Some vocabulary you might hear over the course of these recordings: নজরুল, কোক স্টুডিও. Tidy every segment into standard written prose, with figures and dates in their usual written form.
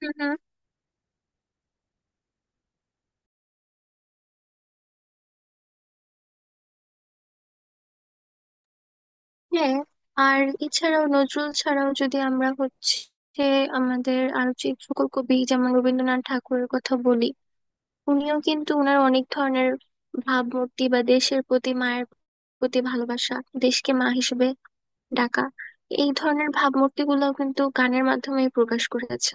হুম হুম, হ্যাঁ। আর এছাড়াও নজরুল ছাড়াও যদি আমরা আমাদের আরো যে সকল কবি যেমন রবীন্দ্রনাথ ঠাকুরের কথা বলি, উনিও কিন্তু ওনার অনেক ধরনের ভাবমূর্তি বা দেশের প্রতি মায়ের প্রতি ভালোবাসা, দেশকে মা হিসেবে ডাকা, এই ধরনের ভাবমূর্তি গুলো কিন্তু গানের মাধ্যমে প্রকাশ করেছে।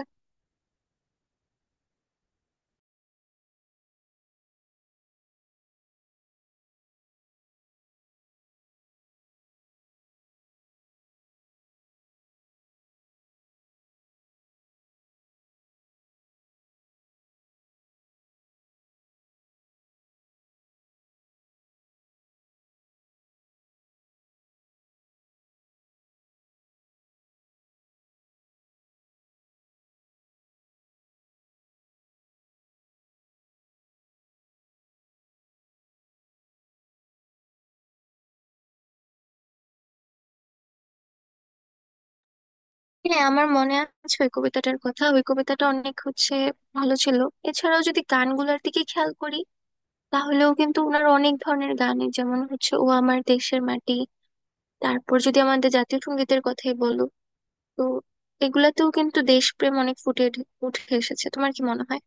হ্যাঁ আমার মনে আছে ওই কবিতাটার কথা, ওই কবিতাটা অনেক ভালো ছিল। এছাড়াও যদি গানগুলোর দিকে খেয়াল করি, তাহলেও কিন্তু ওনার অনেক ধরনের গানই যেমন ও আমার দেশের মাটি, তারপর যদি আমাদের জাতীয় সঙ্গীতের কথাই বলো, তো এগুলাতেও কিন্তু দেশপ্রেম অনেক ফুটে উঠে এসেছে। তোমার কি মনে হয়?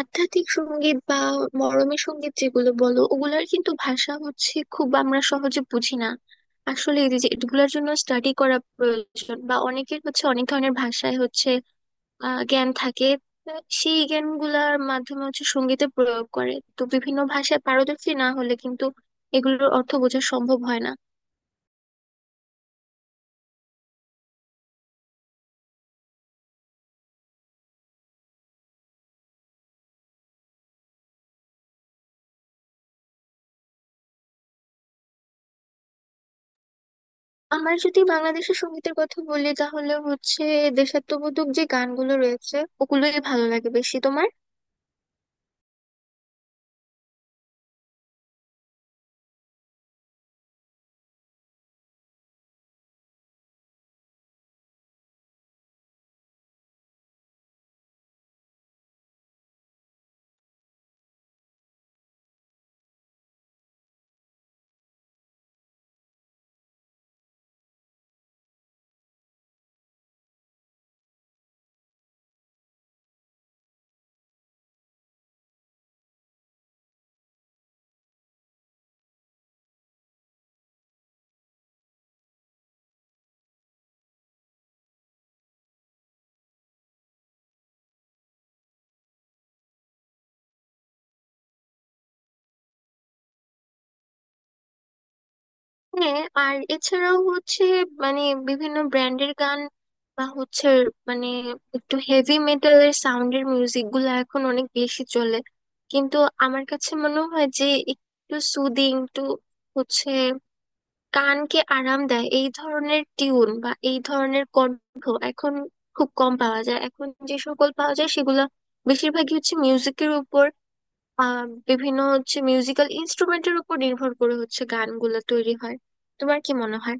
আধ্যাত্মিক সঙ্গীত বা মরমী সঙ্গীত যেগুলো বলো, ওগুলার কিন্তু ভাষা খুব আমরা সহজে বুঝি না। আসলে এই যে এগুলোর জন্য স্টাডি করা প্রয়োজন, বা অনেকের অনেক ধরনের ভাষায় জ্ঞান থাকে, সেই জ্ঞানগুলার মাধ্যমে সঙ্গীতে প্রয়োগ করে, তো বিভিন্ন ভাষায় পারদর্শী না হলে কিন্তু এগুলোর অর্থ বোঝা সম্ভব হয় না। আমার যদি বাংলাদেশের সঙ্গীতের কথা বলি, তাহলে দেশাত্মবোধক যে গানগুলো রয়েছে, ওগুলোই ভালো লাগে বেশি তোমার। হ্যাঁ আর এছাড়াও মানে বিভিন্ন ব্র্যান্ডের গান বা মানে একটু হেভি মেটালের সাউন্ডের মিউজিক গুলো এখন অনেক বেশি চলে, কিন্তু আমার কাছে মনে হয় যে একটু সুদিং, একটু হচ্ছে কানকে আরাম দেয়, এই ধরনের টিউন বা এই ধরনের কণ্ঠ এখন খুব কম পাওয়া যায়। এখন যে সকল পাওয়া যায় সেগুলো বেশিরভাগই মিউজিকের উপর, আহ বিভিন্ন মিউজিক্যাল ইনস্ট্রুমেন্টের উপর নির্ভর করে গানগুলো তৈরি হয়। তোমার কি মনে হয়?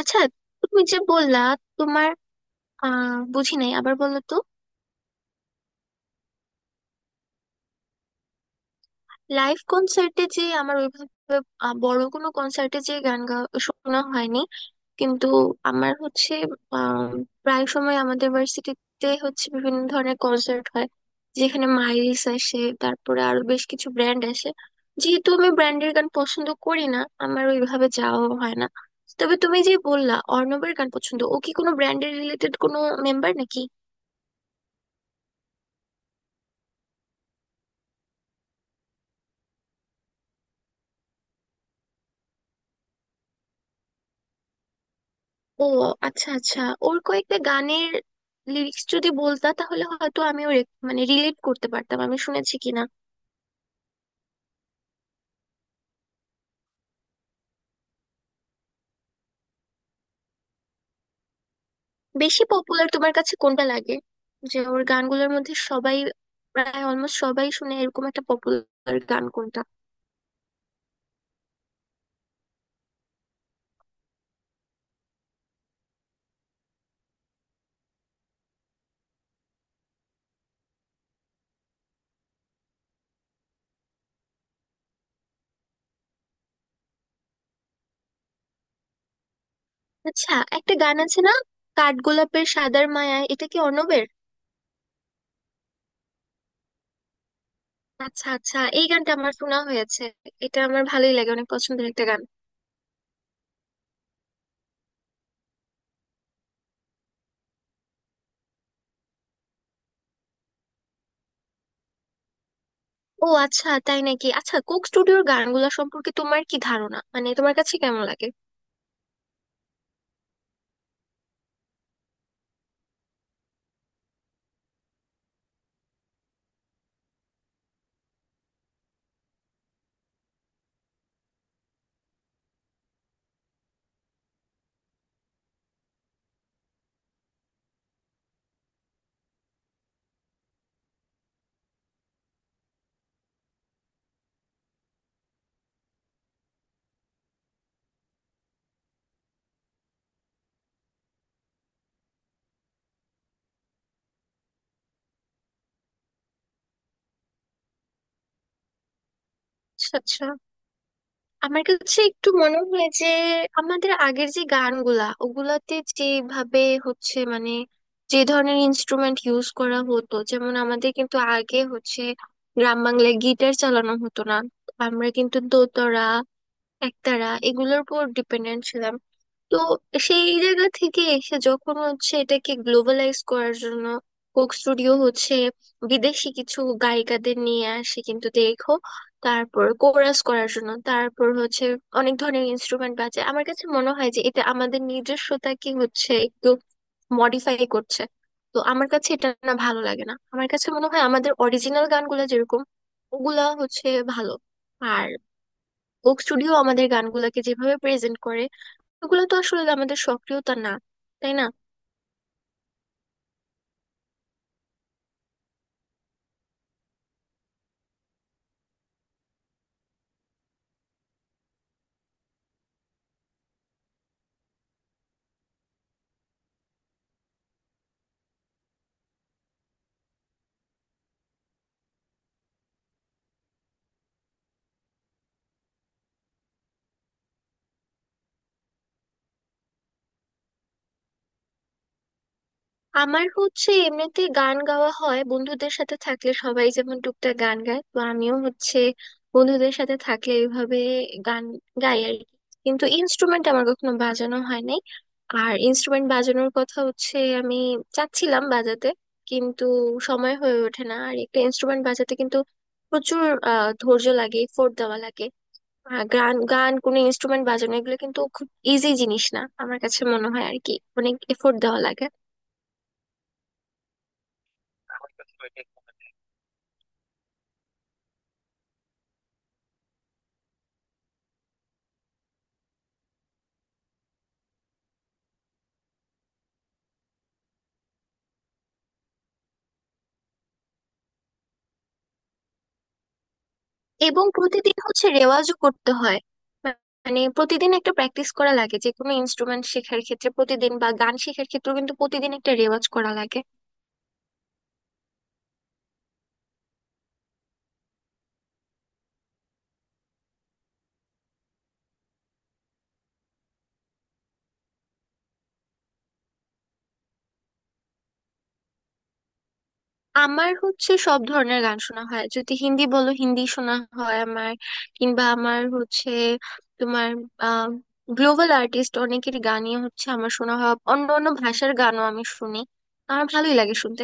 আচ্ছা, তুমি যে বললা, তোমার বুঝি নাই, আবার বলো তো। লাইভ কনসার্টে যে আমার ওইভাবে বড় কোনো কনসার্টে যে গান গা শোনা হয়নি, কিন্তু আমার আম, প্রায় সময় আমাদের ভার্সিটিতে বিভিন্ন ধরনের কনসার্ট হয়, যেখানে মাইরিস আসে, তারপরে আরো বেশ কিছু ব্র্যান্ড আসে। যেহেতু আমি ব্র্যান্ডের গান পছন্দ করি না, আমার ওইভাবে যাওয়া হয় না। তবে তুমি যে বললা অর্ণবের গান পছন্দ, ও কি কোনো ব্র্যান্ডের রিলেটেড কোনো মেম্বার নাকি? ও, আচ্ছা আচ্ছা। ওর কয়েকটা গানের লিরিক্স যদি বলতা, তাহলে হয়তো আমিও মানে রিলেট করতে পারতাম আমি শুনেছি কিনা। বেশি পপুলার তোমার কাছে কোনটা লাগে, যে ওর গানগুলোর মধ্যে সবাই, প্রায় অলমোস্ট সবাই শুনে, এরকম একটা পপুলার গান কোনটা? আচ্ছা, একটা গান আছে না, কাঠগোলাপের সাদার মায়া, এটা কি অর্ণবের? আচ্ছা আচ্ছা, এই গানটা আমার শোনা হয়েছে। এটা আমার ভালোই লাগে, অনেক পছন্দের একটা গান। ও আচ্ছা, তাই নাকি? আচ্ছা, কোক স্টুডিওর গানগুলো সম্পর্কে তোমার কি ধারণা, মানে তোমার কাছে কেমন লাগে? আচ্ছা আচ্ছা, আমার কাছে একটু মনে হয় যে আমাদের আগের যে গানগুলা, ওগুলাতে যেভাবে হচ্ছে মানে যে ধরনের ইনস্ট্রুমেন্ট ইউজ করা হতো, যেমন আমাদের কিন্তু আগে গ্রাম বাংলায় গিটার চালানো হতো না, আমরা কিন্তু দোতারা, একতারা এগুলোর উপর ডিপেন্ডেন্ট ছিলাম। তো সেই জায়গা থেকে এসে যখন এটাকে গ্লোবালাইজ করার জন্য কোক স্টুডিও বিদেশি কিছু গায়িকাদের নিয়ে আসে, কিন্তু দেখো, তারপর কোরাস করার জন্য, তারপর অনেক ধরনের ইনস্ট্রুমেন্ট বাজে। আমার কাছে মনে হয় যে এটা আমাদের নিজস্বতাকে একটু মডিফাই করছে। তো আমার কাছে এটা না, ভালো লাগে না। আমার কাছে মনে হয় আমাদের অরিজিনাল গানগুলো যেরকম, ওগুলা ভালো। আর কোক স্টুডিও আমাদের গানগুলাকে যেভাবে প্রেজেন্ট করে, ওগুলো তো আসলে আমাদের সক্রিয়তা না, তাই না? আমার এমনিতে গান গাওয়া হয় বন্ধুদের সাথে থাকলে, সবাই যেমন টুকটাক গান গায়, তো আমিও বন্ধুদের সাথে থাকলে এইভাবে গান গাই আর কি। কিন্তু ইনস্ট্রুমেন্ট আমার কখনো বাজানো হয় নাই। আর ইনস্ট্রুমেন্ট বাজানোর কথা আমি চাচ্ছিলাম বাজাতে, কিন্তু সময় হয়ে ওঠে না। আর একটা ইনস্ট্রুমেন্ট বাজাতে কিন্তু প্রচুর ধৈর্য লাগে, এফোর্ট দেওয়া লাগে। গান গান কোনো ইনস্ট্রুমেন্ট বাজানো এগুলো কিন্তু খুব ইজি জিনিস না, আমার কাছে মনে হয় আর কি, অনেক এফোর্ট দেওয়া লাগে। এবং প্রতিদিন রেওয়াজও করতে হয়। মা- মানে প্রতিদিন একটা প্র্যাকটিস করা লাগে, যে কোনো ইনস্ট্রুমেন্ট শেখার ক্ষেত্রে প্রতিদিন, বা গান শেখার ক্ষেত্রেও কিন্তু প্রতিদিন একটা রেওয়াজ করা লাগে। আমার সব ধরনের গান শোনা হয়, যদি হিন্দি বলো হিন্দি শোনা হয় আমার, কিংবা আমার হচ্ছে তোমার আহ গ্লোবাল আর্টিস্ট অনেকের গানই আমার শোনা হয়, অন্য অন্য ভাষার গানও আমি শুনি, আমার ভালোই লাগে শুনতে।